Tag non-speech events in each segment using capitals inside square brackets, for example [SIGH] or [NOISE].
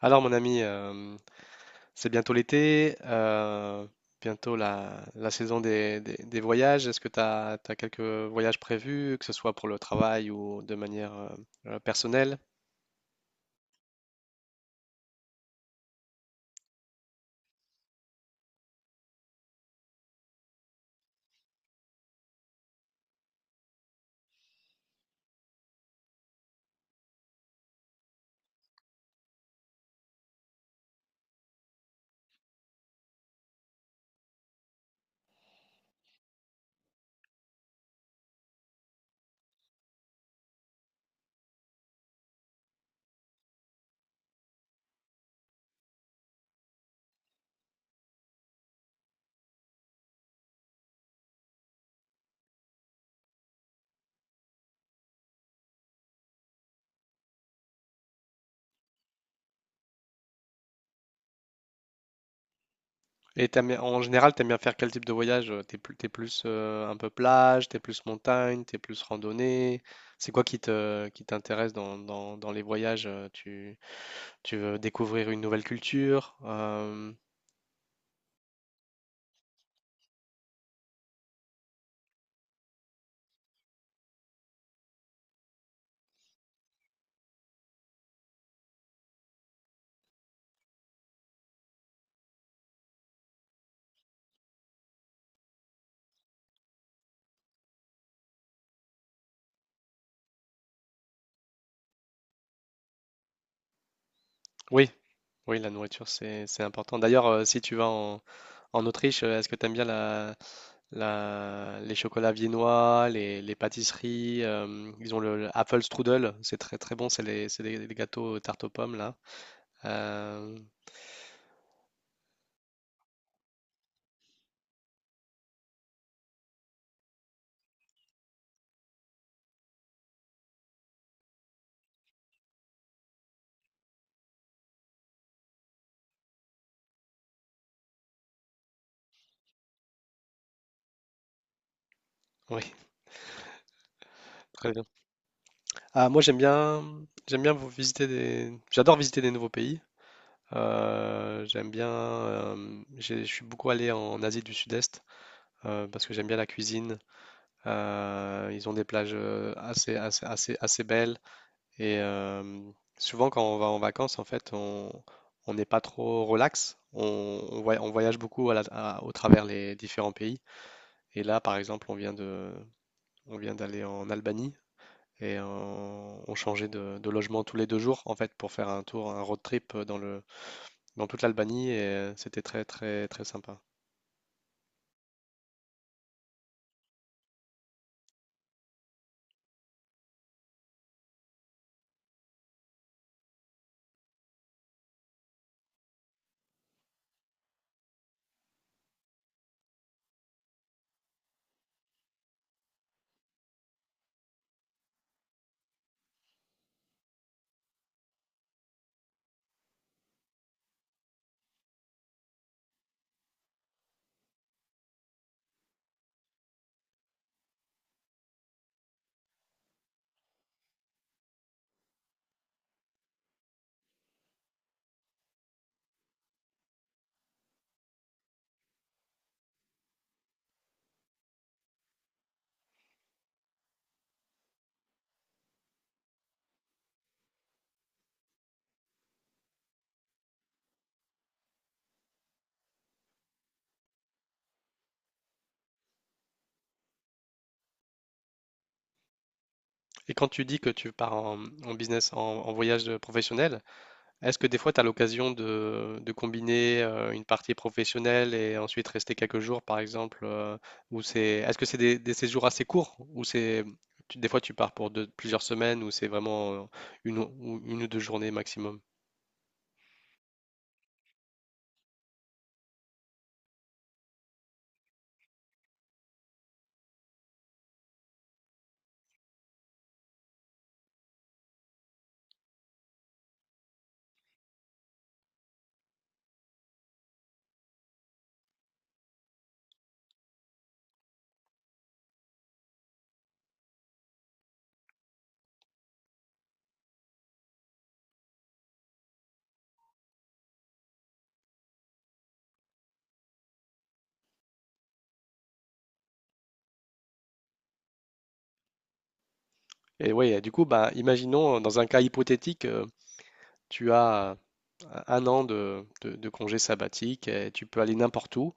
Alors mon ami, c'est bientôt l'été, bientôt la saison des voyages. Est-ce que tu as quelques voyages prévus, que ce soit pour le travail ou de manière personnelle? Et en général, t'aimes bien faire quel type de voyage? T'es plus, t'es plus un peu plage, t'es plus montagne, t'es plus randonnée. C'est quoi qui te, qui t'intéresse dans les voyages? Tu veux découvrir une nouvelle culture? Oui, oui, la nourriture, c'est important. D'ailleurs, si tu vas en Autriche, est-ce que tu aimes bien les chocolats viennois, les pâtisseries ils ont le Apple Strudel, c'est très très bon, c'est des gâteaux tarte aux pommes là. Euh, oui, [LAUGHS] très bien. Ah, moi j'aime bien, j'adore visiter des nouveaux pays. Je suis beaucoup allé en Asie du Sud-Est parce que j'aime bien la cuisine. Ils ont des plages assez belles. Et souvent, quand on va en vacances, en fait, on n'est pas trop relax. On, on voyage beaucoup au travers les différents pays. Et là, par exemple, on vient d'aller en Albanie et on changeait de logement tous les deux jours, en fait, pour faire un tour, un road trip dans toute l'Albanie. Et c'était très, très, très sympa. Et quand tu dis que en business, en voyage professionnel, est-ce que des fois, tu as l'occasion de combiner une partie professionnelle et ensuite rester quelques jours, par exemple, est-ce que c'est des séjours assez courts ou des fois, tu pars pour plusieurs semaines ou c'est vraiment une, ou une ou deux journées maximum? Et oui, du coup, bah, imaginons, dans un cas hypothétique, tu as un an de congé sabbatique et tu peux aller n'importe où.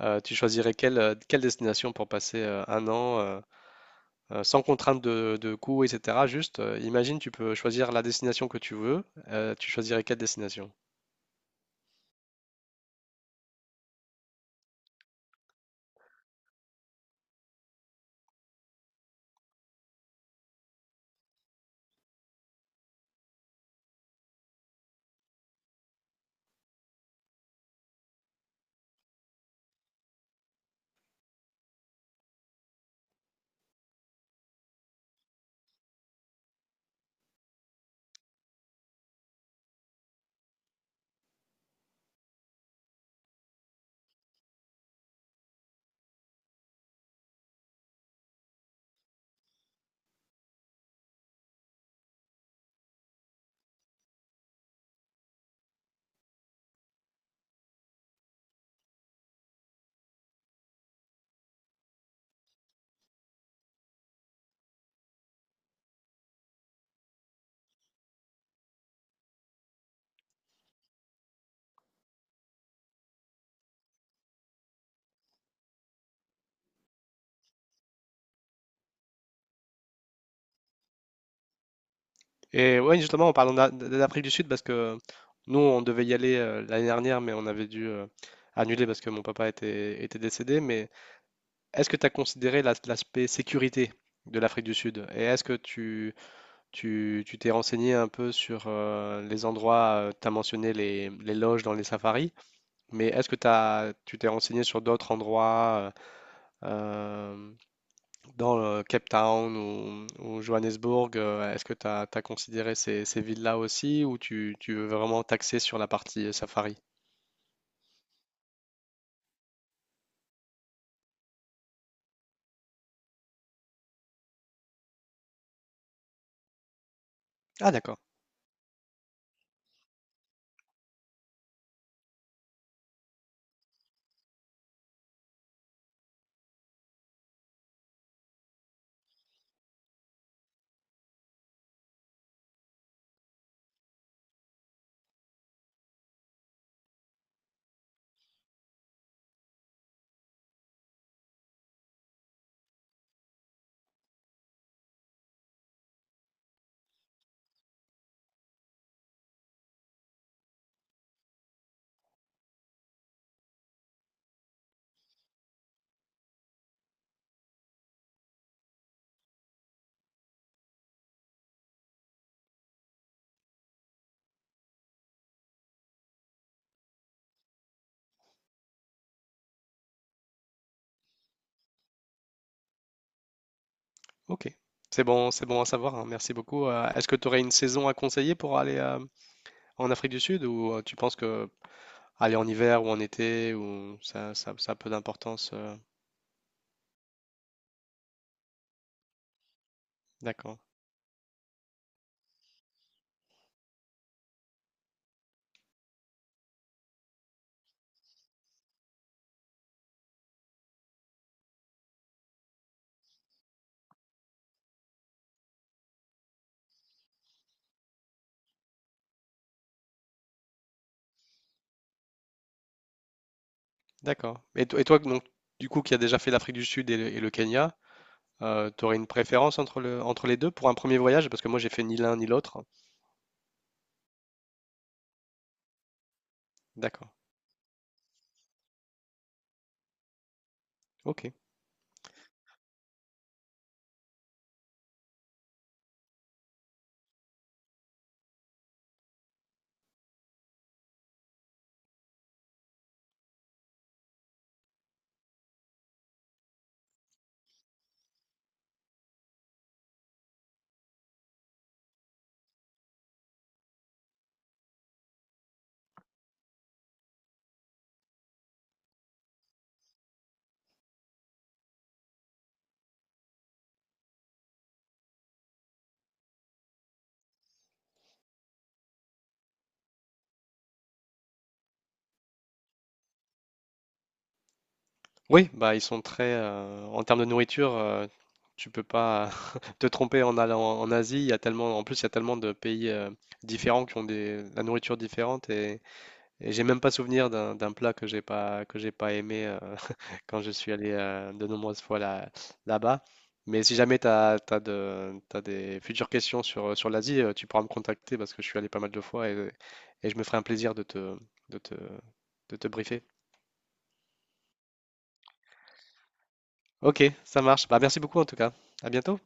Tu choisirais quelle destination pour passer un an sans contrainte de coût, etc. Juste, imagine, tu peux choisir la destination que tu veux. Tu choisirais quelle destination. Et ouais, justement, en parlant d'Afrique du Sud, parce que nous, on devait y aller l'année dernière, mais on avait dû annuler parce que mon papa était décédé. Mais est-ce que tu as considéré l'aspect sécurité de l'Afrique du Sud? Et est-ce que tu t'es renseigné un peu sur les endroits, tu as mentionné les loges dans les safaris, mais est-ce que tu t'es renseigné sur d'autres endroits? Euh, Dans le Cape Town ou Johannesburg, est-ce que tu as considéré ces villes-là aussi ou tu veux vraiment t'axer sur la partie safari? Ah d'accord, ok. C'est bon à savoir, hein, merci beaucoup. Est-ce que tu aurais une saison à conseiller pour aller en Afrique du Sud ou tu penses que aller en hiver ou en été ou ça a peu d'importance? D'accord, d'accord. Et, et toi, donc, du coup, qui as déjà fait l'Afrique du Sud et et le Kenya, t'aurais une préférence entre les deux pour un premier voyage? Parce que moi, j'ai fait ni l'un ni l'autre. D'accord. Ok. Oui, bah ils sont très en termes de nourriture, tu peux pas [LAUGHS] te tromper en allant en Asie. Il y a tellement, en plus, il y a tellement de pays différents qui ont la nourriture différente. Et j'ai même pas souvenir d'un plat que j'ai pas aimé [LAUGHS] quand je suis allé de nombreuses fois là, là-bas. Mais si jamais t'as des futures questions sur, sur l'Asie, tu pourras me contacter parce que je suis allé pas mal de fois. Et je me ferai un plaisir de te, de te briefer. Ok, ça marche. Bah, merci beaucoup en tout cas. À bientôt.